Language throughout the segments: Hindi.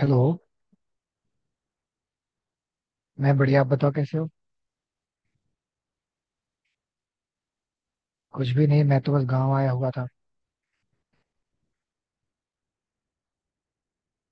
हेलो। मैं बढ़िया, आप बताओ कैसे हो। कुछ भी नहीं, मैं तो बस गांव आया हुआ था।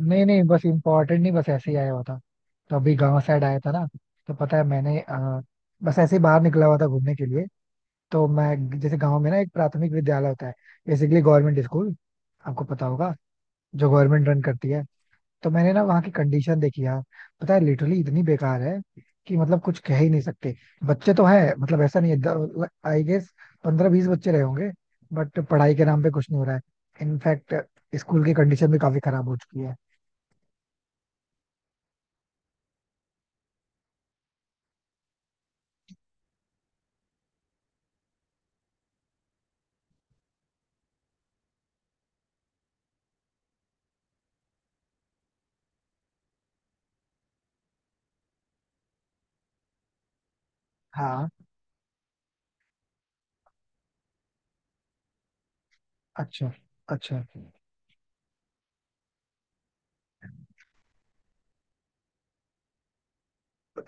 नहीं नहीं, बस इम्पोर्टेंट नहीं, बस ऐसे ही आया हुआ था। तो अभी गांव साइड आया था ना, तो पता है मैंने बस ऐसे ही बाहर निकला हुआ था घूमने के लिए। तो मैं जैसे गांव में ना एक प्राथमिक विद्यालय होता है, बेसिकली गवर्नमेंट स्कूल, आपको पता होगा, जो गवर्नमेंट रन करती है। तो मैंने ना वहाँ की कंडीशन देखी यार, पता है लिटरली इतनी बेकार है कि मतलब कुछ कह ही नहीं सकते। बच्चे तो है, मतलब ऐसा नहीं है, आई गेस 15-20 बच्चे रहे होंगे। बट पढ़ाई के नाम पे कुछ नहीं हो रहा है। इनफैक्ट स्कूल की कंडीशन भी काफी खराब हो चुकी है। हाँ। अच्छा। अच्छा,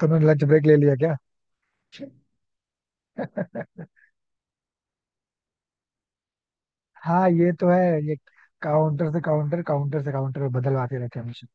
तुमने लंच ब्रेक ले लिया क्या? हाँ, ये तो है। ये काउंटर से काउंटर, काउंटर से काउंटर बदलवाते रहते हैं हमेशा।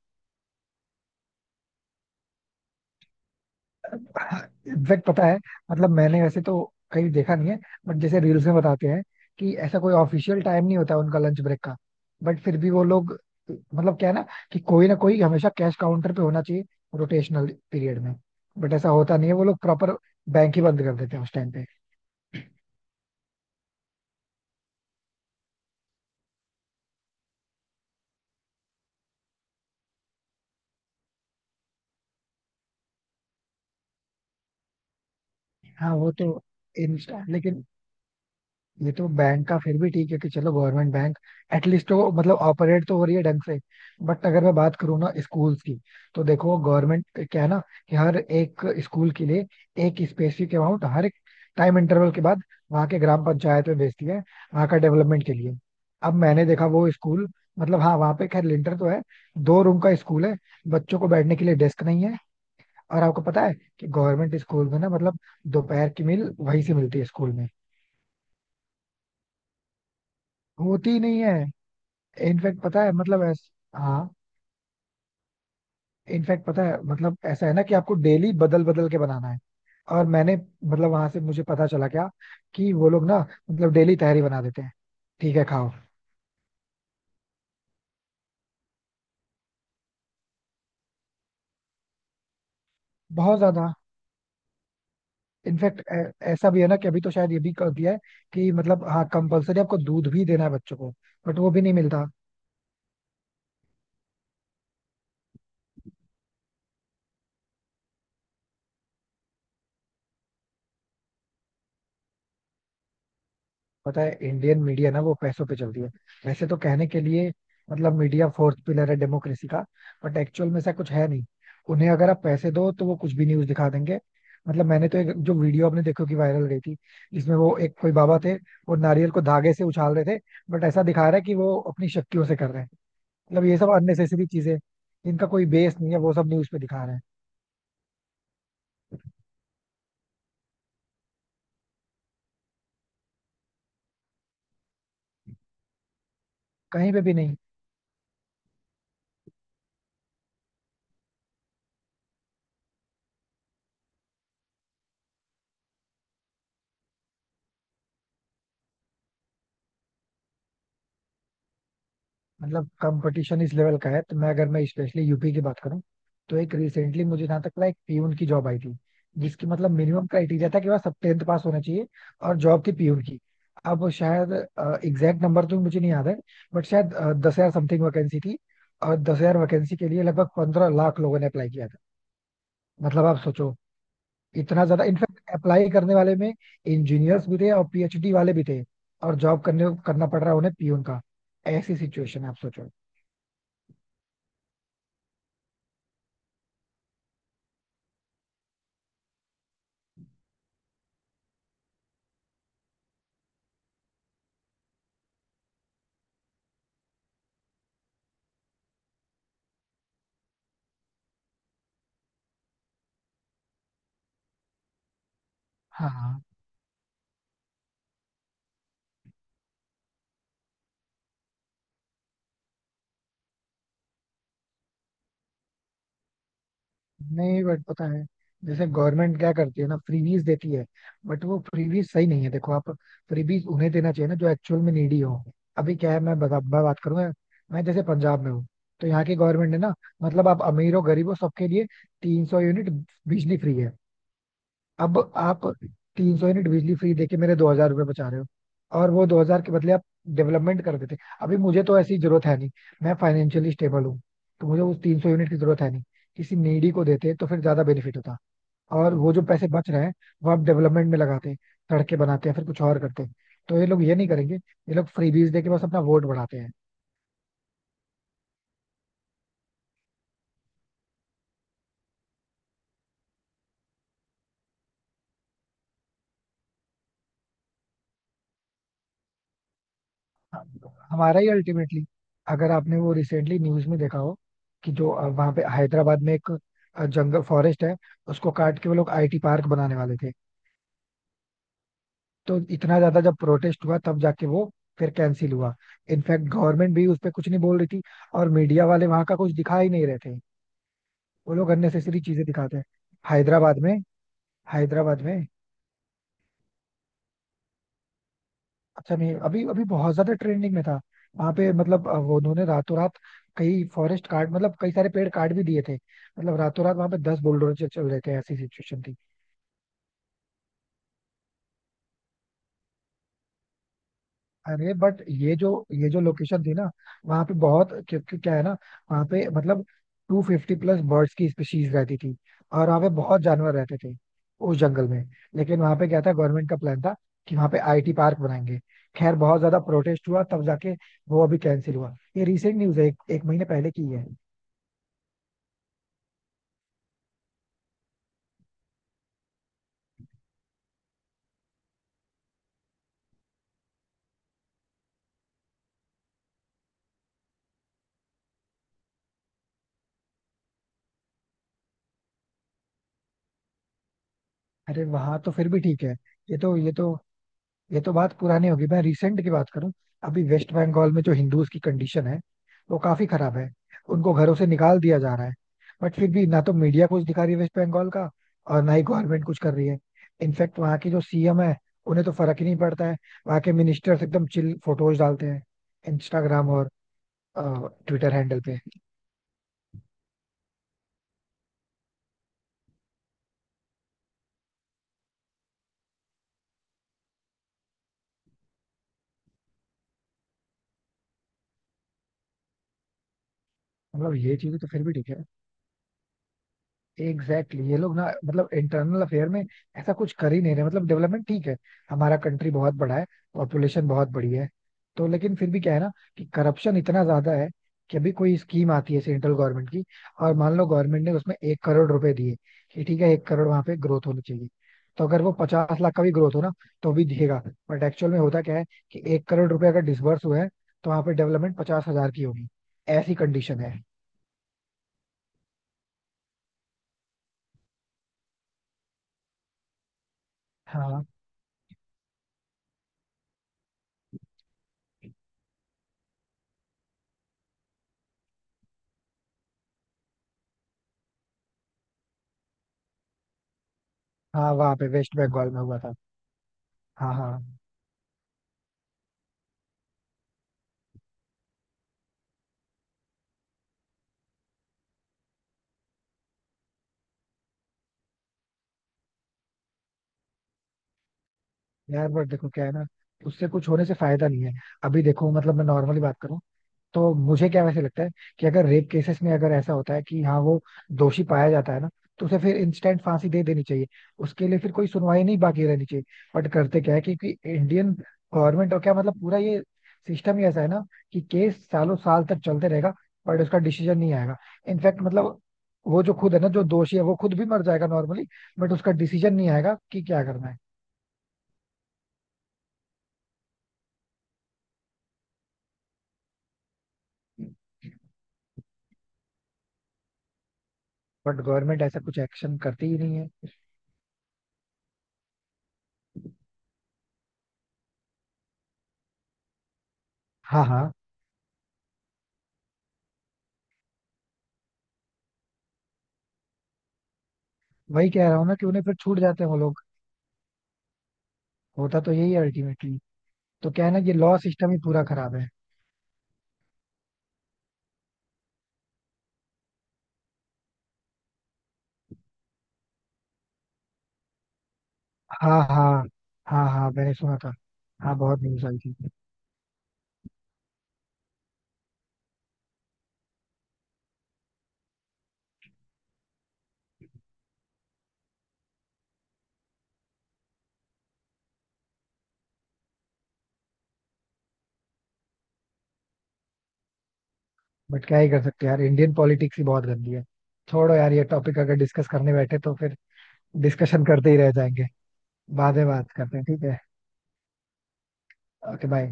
इनफैक्ट पता है, मतलब मैंने वैसे तो कहीं देखा नहीं है, बट जैसे रील्स में बताते हैं कि ऐसा कोई ऑफिशियल टाइम नहीं होता उनका लंच ब्रेक का। बट फिर भी वो लोग, मतलब क्या है ना कि कोई ना कोई हमेशा कैश काउंटर पे होना चाहिए रोटेशनल पीरियड में। बट ऐसा होता नहीं है, वो लोग प्रॉपर बैंक ही बंद कर देते हैं उस टाइम पे। हाँ वो तो। इन, लेकिन ये तो बैंक का फिर भी ठीक है कि चलो गवर्नमेंट बैंक एटलीस्ट तो मतलब ऑपरेट तो हो रही है ढंग से। बट अगर मैं बात करूँ ना स्कूल्स की, तो देखो गवर्नमेंट क्या है ना कि हर एक स्कूल के लिए एक स्पेसिफिक अमाउंट हर एक टाइम इंटरवल के बाद वहाँ के ग्राम पंचायत में भेजती है, वहाँ का डेवलपमेंट के लिए। अब मैंने देखा वो स्कूल, मतलब हाँ वहाँ पे खैर लिंटर तो है, 2 रूम का स्कूल है, बच्चों को बैठने के लिए डेस्क नहीं है। और आपको पता है कि गवर्नमेंट स्कूल में ना मतलब दोपहर की मील वहीं से मिलती है स्कूल में। होती ही नहीं है। इनफैक्ट पता है, मतलब हाँ, इनफैक्ट पता है मतलब ऐसा है ना कि आपको डेली बदल बदल के बनाना है। और मैंने मतलब वहां से मुझे पता चला क्या, कि वो लोग ना मतलब डेली तहरी बना देते हैं, ठीक है खाओ। बहुत ज्यादा। इनफैक्ट ऐसा भी है ना कि अभी तो शायद ये भी कर दिया है कि मतलब हाँ कंपलसरी आपको दूध भी देना है बच्चों को, बट वो भी नहीं मिलता। पता है इंडियन मीडिया ना वो पैसों पे चलती है। वैसे तो कहने के लिए मतलब मीडिया फोर्थ पिलर है डेमोक्रेसी का, बट एक्चुअल में ऐसा कुछ है नहीं। उन्हें अगर आप पैसे दो तो वो कुछ भी न्यूज दिखा देंगे। मतलब मैंने तो एक जो वीडियो आपने देखो कि वायरल गई थी, जिसमें वो एक कोई बाबा थे, वो नारियल को धागे से उछाल रहे थे, बट ऐसा दिखा रहा है कि वो अपनी शक्तियों से कर रहे हैं। मतलब ये सब अननेसेसरी चीजें, इनका कोई बेस नहीं है, वो सब न्यूज पे दिखा रहे हैं। कहीं पे भी नहीं। मतलब कंपटीशन इस लेवल का है तो मैं अगर मैं स्पेशली यूपी की बात करूं, तो एक रिसेंटली मुझे जहां तक पता है, एक पीयून की जॉब आई थी जिसकी मतलब मिनिमम क्राइटेरिया था कि वह सब टेंथ पास होना चाहिए, और जॉब थी पीयून की। अब शायद एग्जैक्ट नंबर तो मुझे नहीं याद है, बट शायद 10,000 समथिंग वैकेंसी थी, और 10,000 वैकेंसी के लिए लगभग 15 लाख लोगों ने अप्लाई किया था। मतलब आप सोचो, इतना ज्यादा। इनफैक्ट अप्लाई करने वाले में इंजीनियर्स भी थे और पीएचडी वाले भी थे, और जॉब करने करना पड़ रहा है उन्हें पीयून का। ऐसी सिचुएशन है, आप सोचो। हाँ। नहीं बट पता है, जैसे गवर्नमेंट क्या करती है ना, फ्रीबीज देती है, बट वो फ्रीबीज सही नहीं है। देखो आप, फ्रीबीज उन्हें देना चाहिए ना जो एक्चुअल में नीडी हो। अभी क्या है, मैं बात करूँ, मैं जैसे पंजाब में हूँ, तो यहाँ की गवर्नमेंट ने ना, मतलब आप अमीर हो, गरीब हो, सबके लिए 300 यूनिट बिजली फ्री है। अब आप 300 यूनिट बिजली फ्री देके मेरे 2,000 रुपये बचा रहे हो, और वो 2,000 के बदले आप डेवलपमेंट कर देते। अभी मुझे तो ऐसी जरूरत है नहीं, मैं फाइनेंशियली स्टेबल हूँ, तो मुझे उस 300 यूनिट की जरूरत है नहीं। किसी नीडी को देते तो फिर ज्यादा बेनिफिट होता। और वो जो पैसे बच रहे हैं, वो आप डेवलपमेंट में लगाते, सड़कें बनाते, हैं फिर कुछ और करते। तो ये लोग ये नहीं करेंगे, ये लोग फ्रीबीज देके बस अपना वोट बढ़ाते हैं। हाँ, हमारा ही अल्टीमेटली। अगर आपने वो रिसेंटली न्यूज में देखा हो कि जो वहाँ पे हैदराबाद में एक जंगल फॉरेस्ट है, उसको काट के वो लोग आईटी पार्क बनाने वाले थे। तो इतना ज्यादा जब प्रोटेस्ट हुआ तब जाके वो फिर कैंसिल हुआ। इनफैक्ट गवर्नमेंट भी उस पर कुछ नहीं बोल रही थी, और मीडिया वाले वहां का कुछ दिखा ही नहीं रहे थे। वो लोग अननेसेसरी चीजें दिखाते हैं। हैदराबाद में। हैदराबाद में। अच्छा नहीं, अभी अभी बहुत ज्यादा ट्रेंडिंग में था। वहां पे मतलब वो उन्होंने रातों रात कई फॉरेस्ट काट, मतलब कई सारे पेड़ काट भी दिए थे, मतलब रातों रात वहां पे 10 बुलडोजर चल रहे थे, ऐसी सिचुएशन। अरे बट ये जो लोकेशन थी ना, वहां पे बहुत, क्योंकि क्या है ना, वहां पे मतलब 250+ बर्ड्स की स्पीशीज रहती थी, और वहां पे बहुत जानवर रहते थे उस जंगल में। लेकिन वहां पे क्या था, गवर्नमेंट का प्लान था कि वहां पे आईटी पार्क बनाएंगे। खैर बहुत ज्यादा प्रोटेस्ट हुआ तब जाके वो अभी कैंसिल हुआ। ये रिसेंट न्यूज है, एक महीने पहले की है। अरे वहां तो फिर भी ठीक है। ये तो ये तो ये तो बात पुरानी होगी, मैं रिसेंट की बात करूं। अभी वेस्ट बंगाल में जो हिंदूज की कंडीशन है वो काफी खराब है, उनको घरों से निकाल दिया जा रहा है। बट फिर भी ना तो मीडिया कुछ दिखा रही है वेस्ट बंगाल का, और ना ही गवर्नमेंट कुछ कर रही है। इनफैक्ट वहाँ की जो सीएम है, उन्हें तो फर्क ही नहीं पड़ता है। वहाँ के मिनिस्टर्स एकदम चिल फोटोज डालते हैं इंस्टाग्राम और ट्विटर हैंडल पे। मतलब ये चीजें तो फिर भी ठीक है। Exactly exactly। ये लोग ना मतलब इंटरनल अफेयर में ऐसा कुछ कर ही नहीं रहे। मतलब डेवलपमेंट ठीक है, हमारा कंट्री बहुत बड़ा है, पॉपुलेशन बहुत बड़ी है, तो लेकिन फिर भी क्या है ना कि करप्शन इतना ज्यादा है कि अभी कोई स्कीम आती है सेंट्रल गवर्नमेंट की, और मान लो गवर्नमेंट ने उसमें 1 करोड़ रुपए दिए कि ठीक है, 1 करोड़ वहां पे ग्रोथ होनी चाहिए। तो अगर वो 50 लाख का भी ग्रोथ हो ना, तो भी दिखेगा। बट एक्चुअल में होता क्या है, कि 1 करोड़ रुपए अगर डिसबर्स हुए हैं, तो वहां पे डेवलपमेंट 50,000 की होगी। ऐसी कंडीशन है। हाँ। हाँ वहां पे वेस्ट बंगाल में हुआ था। हाँ हाँ। यार बट देखो क्या है ना, उससे कुछ होने से फायदा नहीं है। अभी देखो मतलब मैं नॉर्मली बात करूं तो मुझे क्या वैसे लगता है कि अगर रेप केसेस में अगर ऐसा होता है कि हाँ वो दोषी पाया जाता है ना, तो उसे फिर इंस्टेंट फांसी दे देनी चाहिए, उसके लिए फिर कोई सुनवाई नहीं बाकी रहनी चाहिए। बट करते क्या है कि इंडियन गवर्नमेंट और क्या मतलब पूरा ये सिस्टम ही ऐसा है ना कि केस सालों साल तक चलते रहेगा, बट उसका डिसीजन नहीं आएगा। इनफैक्ट मतलब वो जो खुद है ना जो दोषी है, वो खुद भी मर जाएगा नॉर्मली, बट उसका डिसीजन नहीं आएगा कि क्या करना है। बट गवर्नमेंट ऐसा कुछ एक्शन करती ही नहीं है। हाँ हाँ, वही कह रहा हूँ ना कि उन्हें फिर छूट जाते हैं वो लोग। होता तो यही है अल्टीमेटली। तो क्या है ना, ये लॉ सिस्टम ही पूरा खराब है। हाँ। हाँ हाँ हाँ मैंने सुना था, हाँ बहुत न्यूज आई थी। बट क्या ही कर सकते हैं यार, इंडियन पॉलिटिक्स ही बहुत गंदी है। छोड़ो यार ये टॉपिक, अगर डिस्कस करने बैठे तो फिर डिस्कशन करते ही रह जाएंगे। बाद में बात करते हैं, ठीक है? Okay bye.